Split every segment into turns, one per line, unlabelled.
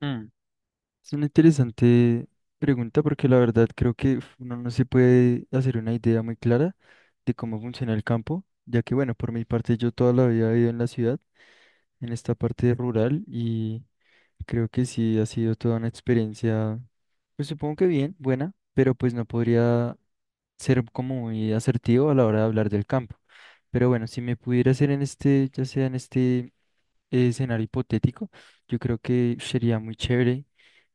Mm, Es una interesante pregunta porque la verdad creo que uf, uno no se puede hacer una idea muy clara de cómo funciona el campo, ya que bueno, por mi parte yo toda la vida he vivido en la ciudad, en esta parte rural y creo que sí ha sido toda una experiencia. Pues supongo que bien, buena, pero pues no podría ser como muy asertivo a la hora de hablar del campo. Pero bueno, si me pudiera hacer en este, ya sea en este escenario hipotético, yo creo que sería muy chévere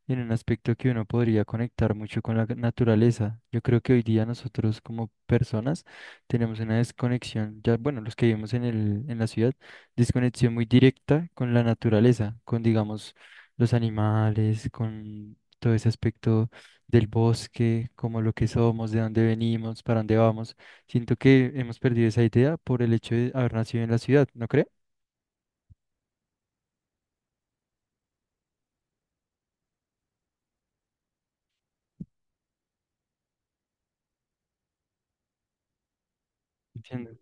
en un aspecto que uno podría conectar mucho con la naturaleza. Yo creo que hoy día nosotros como personas tenemos una desconexión, ya bueno, los que vivimos en la ciudad, desconexión muy directa con la naturaleza, con digamos los animales, con todo ese aspecto del bosque, como lo que somos, de dónde venimos, para dónde vamos. Siento que hemos perdido esa idea por el hecho de haber nacido en la ciudad, ¿no cree? Entiendo.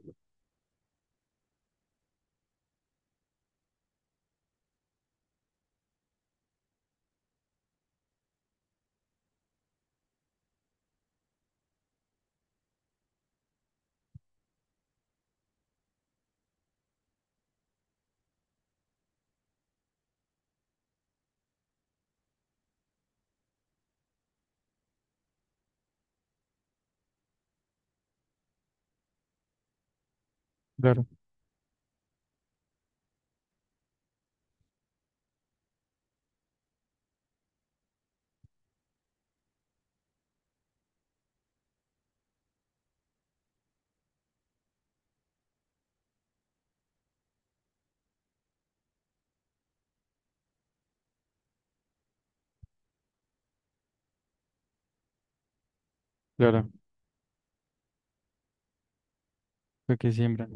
Claro, claro, lo que siembran.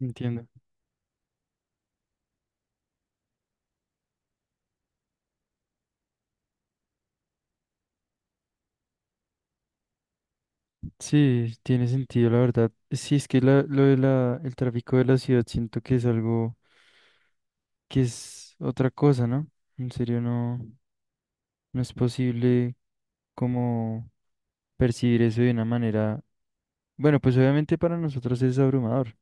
Entiendo. Sí, tiene sentido, la verdad. Sí, es que lo de la, el tráfico de la ciudad siento que es algo que es otra cosa, ¿no? En serio, no, no es posible como percibir eso de una manera. Bueno, pues obviamente para nosotros es abrumador.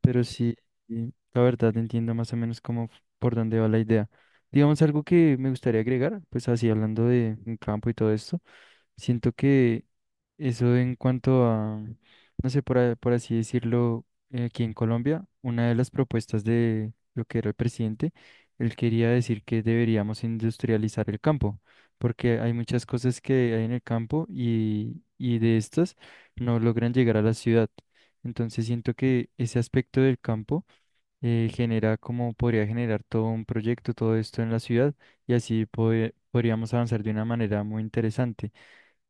Pero sí, y la verdad entiendo más o menos cómo, por dónde va la idea. Digamos algo que me gustaría agregar, pues así hablando de un campo y todo esto, siento que eso en cuanto a, no sé, por, por así decirlo, aquí en Colombia, una de las propuestas de lo que era el presidente, él quería decir que deberíamos industrializar el campo, porque hay muchas cosas que hay en el campo y de estas no logran llegar a la ciudad. Entonces siento que ese aspecto del campo genera, como podría generar todo un proyecto, todo esto en la ciudad y así podríamos avanzar de una manera muy interesante.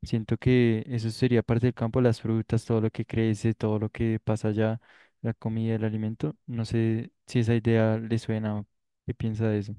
Siento que eso sería parte del campo, las frutas, todo lo que crece, todo lo que pasa allá, la comida, el alimento. No sé si esa idea le suena o qué piensa de eso.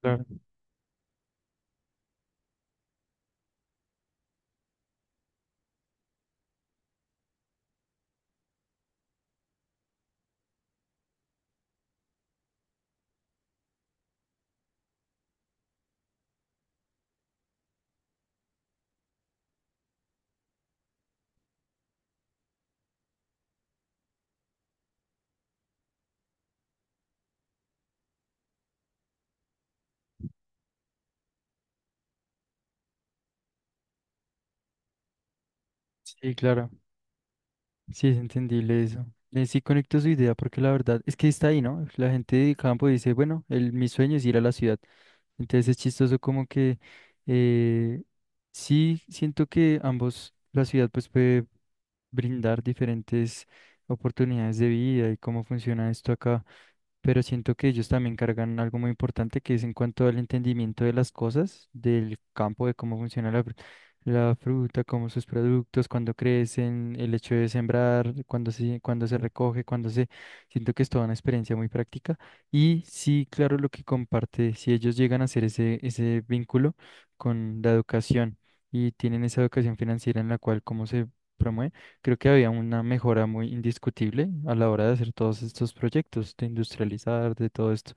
Claro, sí, claro. Sí, es entendible eso. Sí conecto su idea porque la verdad es que está ahí, ¿no? La gente de campo dice, bueno, el, mi sueño es ir a la ciudad. Entonces es chistoso como que eh, sí siento que ambos, la ciudad pues puede brindar diferentes oportunidades de vida y cómo funciona esto acá, pero siento que ellos también cargan algo muy importante que es en cuanto al entendimiento de las cosas, del campo, de cómo funciona la, la fruta, cómo sus productos, cuando crecen, el hecho de sembrar, cuando se, recoge, cuando se... Siento que es toda una experiencia muy práctica. Y sí, claro, lo que comparte, si ellos llegan a hacer ese vínculo con la educación y tienen esa educación financiera en la cual cómo se... promueve. Creo que había una mejora muy indiscutible a la hora de hacer todos estos proyectos, de industrializar, de todo esto.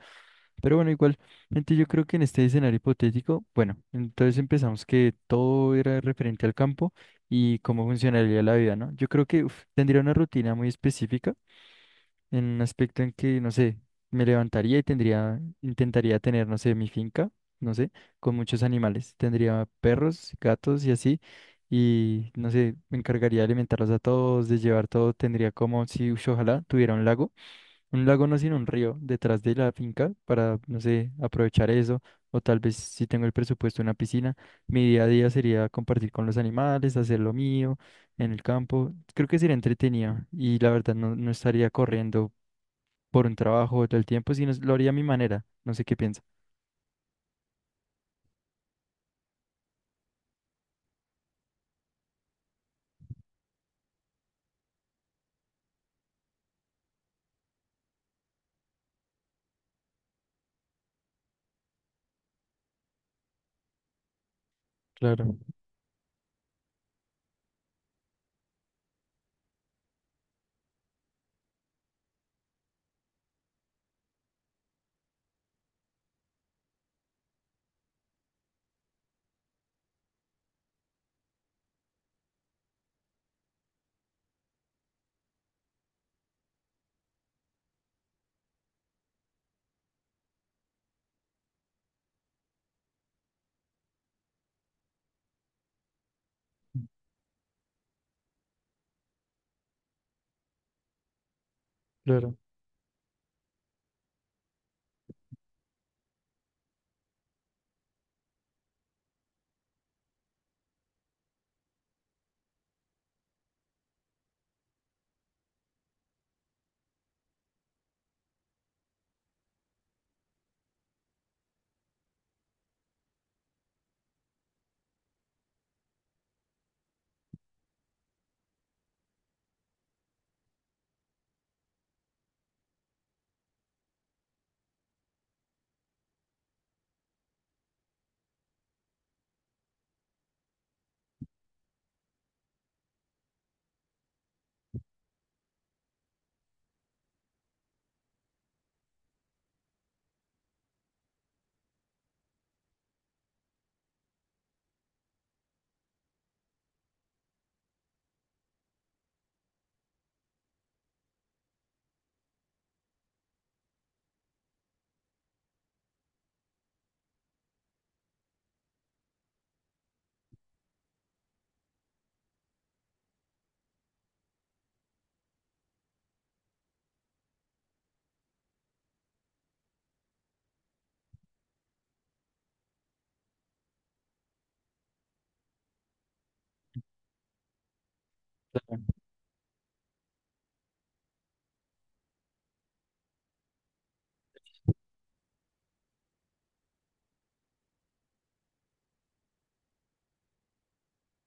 Pero bueno, igual, gente, yo creo que en este escenario hipotético, bueno, entonces empezamos que todo era referente al campo y cómo funcionaría la vida, ¿no? Yo creo que uf, tendría una rutina muy específica en un aspecto en que, no sé, me levantaría y tendría, intentaría tener, no sé, mi finca, no sé, con muchos animales. Tendría perros, gatos y así. Y, no sé, me encargaría de alimentarlos a todos, de llevar todo. Tendría como si, ush, ojalá, tuviera un lago. Un lago no, sino un río detrás de la finca para, no sé, aprovechar eso. O tal vez si tengo el presupuesto, una piscina. Mi día a día sería compartir con los animales, hacer lo mío en el campo. Creo que sería entretenido y la verdad no, no estaría corriendo por un trabajo todo el tiempo, sino lo haría a mi manera. No sé qué piensa. Claro, claro. Claro.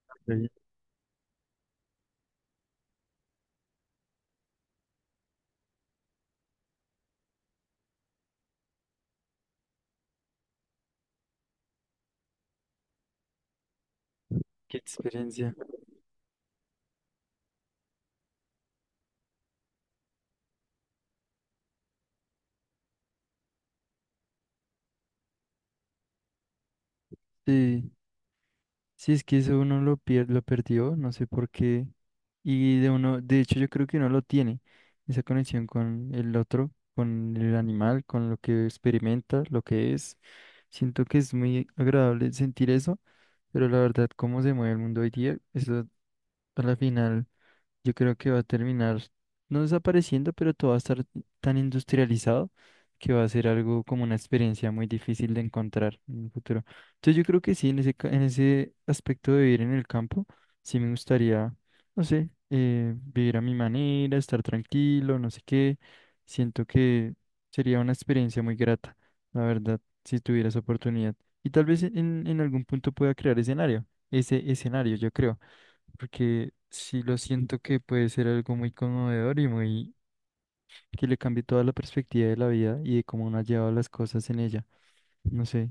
Qué qué experiencia. Sí, sí, es que eso uno lo perdió, no sé por qué. Y de uno, de hecho, yo creo que uno lo tiene, esa conexión con el otro, con el animal, con lo que experimenta, lo que es. Siento que es muy agradable sentir eso, pero la verdad, cómo se mueve el mundo hoy día, eso a la final. Yo creo que va a terminar no desapareciendo, pero todo va a estar tan industrializado que va a ser algo como una experiencia muy difícil de encontrar en el futuro. Entonces yo creo que sí, en ese aspecto de vivir en el campo, sí me gustaría, no sé, vivir a mi manera, estar tranquilo, no sé qué. Siento que sería una experiencia muy grata, la verdad, si tuviera esa oportunidad. Y tal vez en algún punto pueda crear escenario, ese escenario, yo creo porque sí lo siento que puede ser algo muy conmovedor y muy que le cambie toda la perspectiva de la vida y de cómo uno ha llevado las cosas en ella. No sé,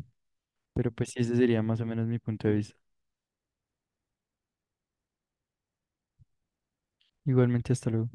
pero pues sí, ese sería más o menos mi punto de vista. Igualmente, hasta luego.